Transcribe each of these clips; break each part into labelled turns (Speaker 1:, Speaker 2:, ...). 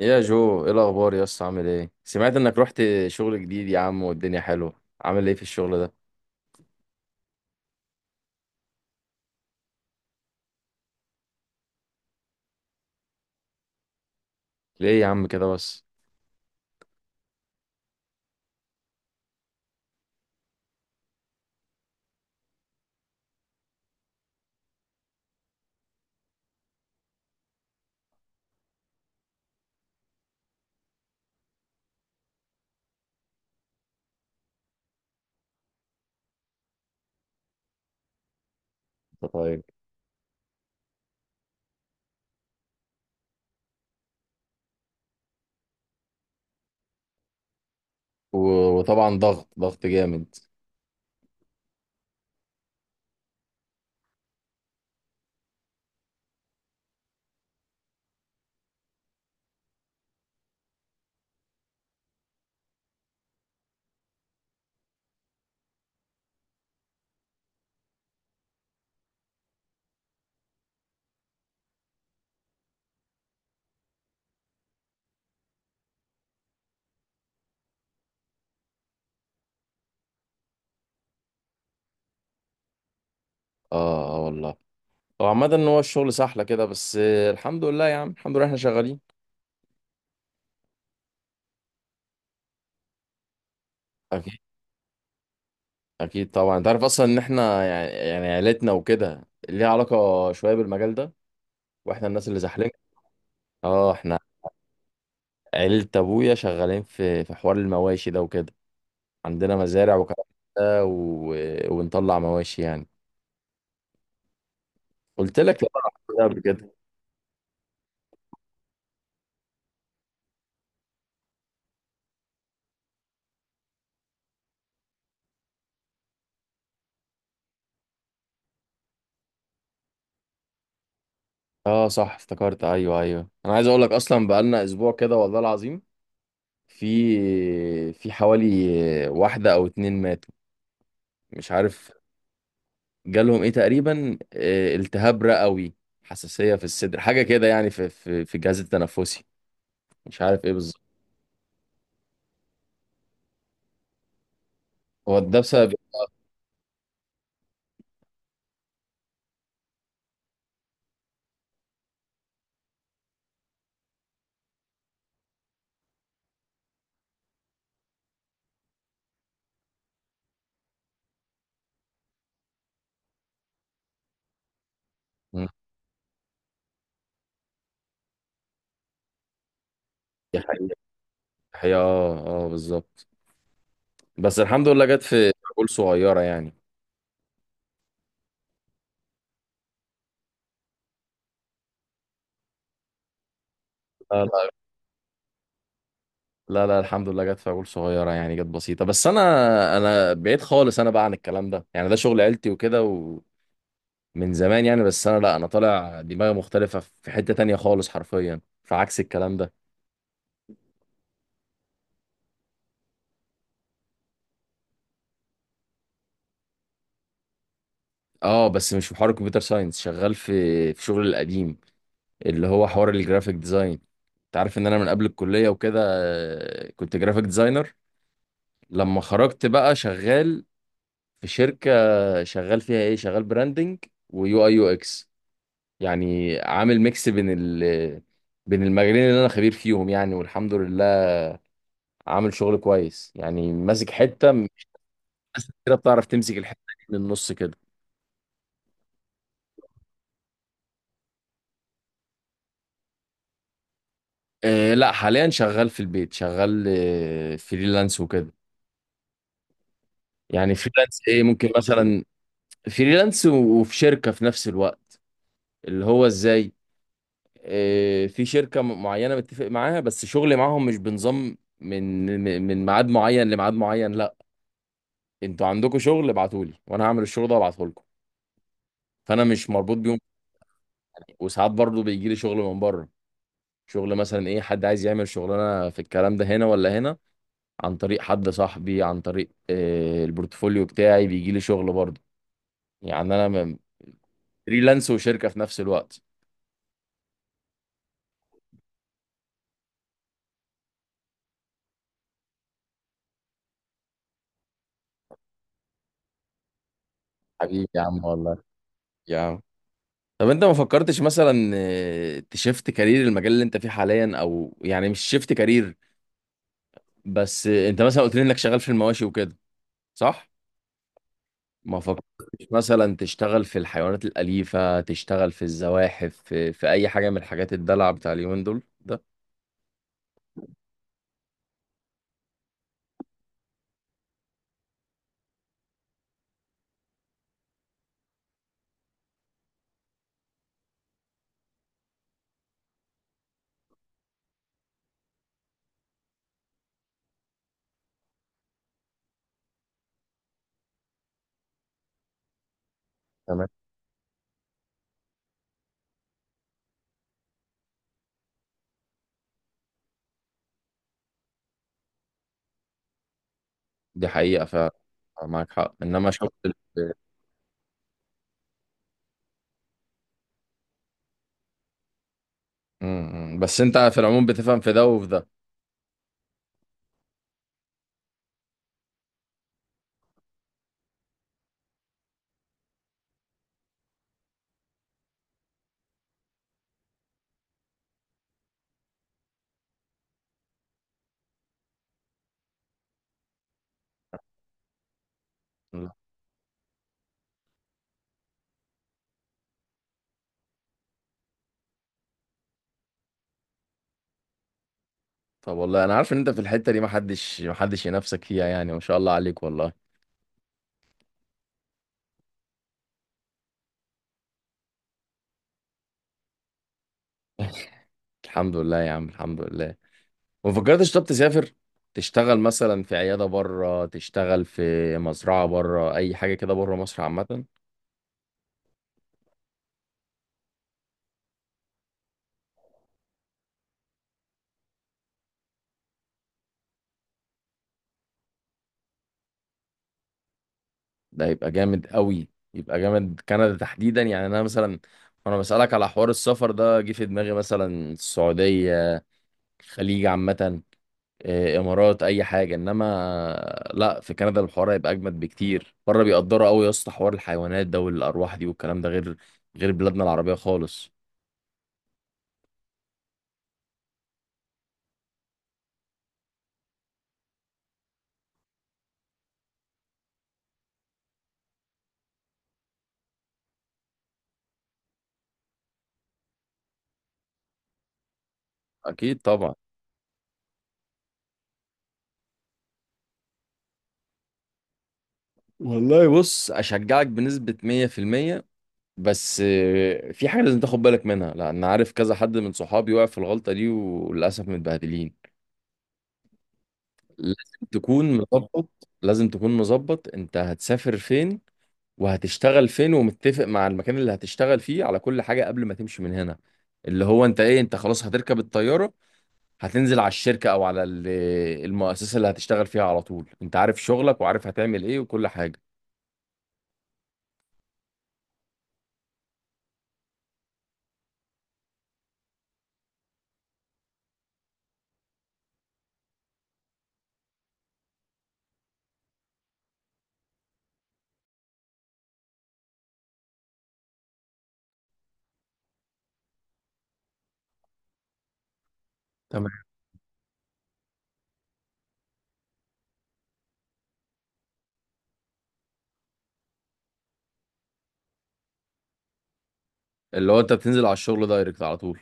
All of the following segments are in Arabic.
Speaker 1: يا جو، ايه الاخبار يا اسطى؟ عامل ايه؟ سمعت انك رحت شغل جديد يا عم، والدنيا حلوه. عامل ايه في الشغل ده؟ ليه يا عم كده بس؟ انت طيب. وطبعا ضغط جامد. اه اه والله. هو عامه ان هو الشغل سحله كده، بس الحمد لله يا عم، الحمد لله احنا شغالين. اكيد، اكيد طبعا. انت عارف اصلا ان احنا يعني عيلتنا وكده ليها علاقه شويه بالمجال ده، واحنا الناس اللي زحلين. اه احنا، عيلة ابويا شغالين في حوار المواشي ده وكده. عندنا مزارع وكلام من ده ونطلع مواشي يعني. قلت لك لا، ده قبل كده. اه صح افتكرت، ايوه ايوه، انا عايز اقول لك اصلا بقالنا اسبوع كده والله العظيم. في حوالي واحده او اتنين ماتوا، مش عارف. جالهم ايه تقريبا، التهاب رئوي، حساسيه في الصدر، حاجه كده يعني في في الجهاز التنفسي. مش عارف ايه بالظبط. هو ده بسبب؟ مم. دي حقيقة. اه اه بالظبط. بس الحمد لله جت في عقول صغيره يعني. اه لا لا، الحمد لله جت فاول صغيره يعني، جت بسيطه. بس انا بعيد خالص، انا بقى عن الكلام ده يعني، ده شغل عيلتي وكده ومن زمان يعني. بس انا لا، انا طالع دماغي مختلفه في حته تانية خالص، حرفيا في عكس الكلام ده. اه بس مش في حوار الكمبيوتر ساينس، شغال في شغل القديم اللي هو حوار الجرافيك ديزاين. انت عارف ان انا من قبل الكليه وكده كنت جرافيك ديزاينر. لما خرجت بقى، شغال في شركه، شغال فيها ايه، شغال براندنج ويو اي يو اكس. يعني عامل ميكس بين المجالين اللي انا خبير فيهم يعني، والحمد لله عامل شغل كويس يعني، ماسك حته، مش ناس كده بتعرف تمسك الحته دي من النص كده. آه لا، حاليا شغال في البيت، شغال فريلانس وكده. يعني فريلانس ايه، ممكن مثلا فريلانس وفي شركه في نفس الوقت. اللي هو ازاي؟ آه في شركه معينه متفق معاها، بس شغلي معاهم مش بنظام من من ميعاد معين لميعاد معين، لا. انتوا عندكم شغل ابعتولي وانا هعمل الشغل ده وابعته لكم. فانا مش مربوط بيهم. وساعات برضه بيجي لي شغل من بره، شغل مثلا ايه، حد عايز يعمل شغلانه في الكلام ده هنا ولا هنا، عن طريق حد صاحبي، عن طريق البورتفوليو بتاعي بيجي لي شغل برضه. يعني انا فريلانس وشركه في نفس الوقت. حبيبي يا عم، والله يا عم. طب انت ما فكرتش مثلا تشفت كارير المجال اللي انت فيه حاليا، او يعني مش شفت كارير، بس انت مثلا قلت لي انك شغال في المواشي وكده، صح؟ ما فكرتش مثلا تشتغل في الحيوانات الأليفة، تشتغل في الزواحف، في أي حاجة من الحاجات الدلع بتاع اليومين دول ده. تمام. دي حقيقة ف معاك حق، إنما شغل م- م. بس أنت في العموم بتفهم في ده وفي ده. لا. طب والله أنا عارف إن أنت في الحتة دي محدش ينافسك فيها، يعني ما شاء الله عليك، والله. الحمد لله يا عم، الحمد لله. ما فكرتش طب تسافر، تشتغل مثلا في عيادة بره، تشتغل في مزرعة بره، أي حاجة كده بره مصر عامة؟ ده يبقى جامد قوي، يبقى جامد. كندا تحديدا يعني، انا مثلا وانا بسألك على حوار السفر ده جه في دماغي مثلا السعودية، الخليج عامة، امارات، اي حاجة، انما لا، في كندا الحوار هيبقى اجمد بكتير. بره بيقدروا قوي يا اسطى حوار الحيوانات ده والارواح دي والكلام ده، غير بلادنا العربية خالص. اكيد طبعا. والله بص، اشجعك بنسبة 100%. بس في حاجة لازم تاخد بالك منها، لأن عارف كذا حد من صحابي وقع في الغلطة دي وللأسف متبهدلين. لازم تكون مظبط، لازم تكون مظبط. انت هتسافر فين وهتشتغل فين، ومتفق مع المكان اللي هتشتغل فيه على كل حاجة قبل ما تمشي من هنا. اللي هو انت ايه، انت خلاص هتركب الطيارة، هتنزل على الشركة او على المؤسسة اللي هتشتغل فيها على طول، انت عارف شغلك وعارف هتعمل ايه وكل حاجة. تمام. اللي هو انت بتنزل على الشغل دايركت على طول.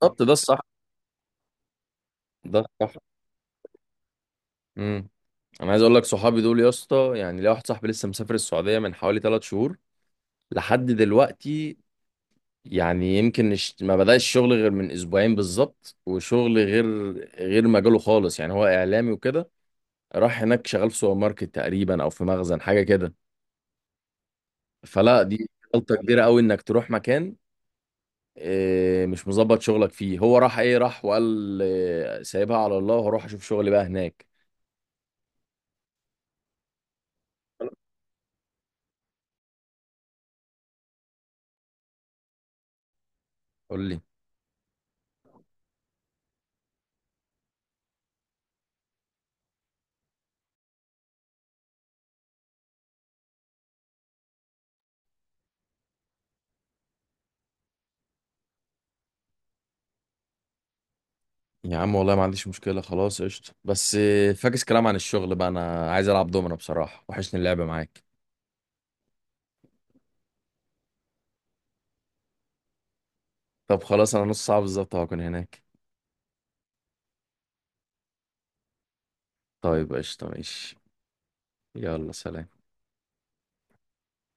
Speaker 1: بالظبط ده الصح، ده الصح. امم انا عايز اقول لك صحابي دول يا اسطى، يعني ليا واحد صاحبي لسه مسافر السعوديه من حوالي 3 شهور لحد دلوقتي. يعني يمكن ما بدأش الشغل غير من اسبوعين بالظبط، وشغل غير مجاله خالص يعني. هو اعلامي وكده، راح هناك شغال في سوبر ماركت تقريبا او في مخزن، حاجه كده. فلا دي غلطه كبيره قوي انك تروح مكان مش مظبط شغلك فيه. هو راح ايه، راح وقال سايبها على الله وهروح اشوف شغلي بقى هناك. قول لي. يا عم والله ما عنديش مشكله، خلاص قشطه. بس فاكس كلام عن الشغل بقى، انا عايز العب دومنا بصراحه، وحشني اللعب معاك. طب خلاص، انا نص ساعه بالظبط هكون هناك. طيب قشطه، ماشي. يلا سلام.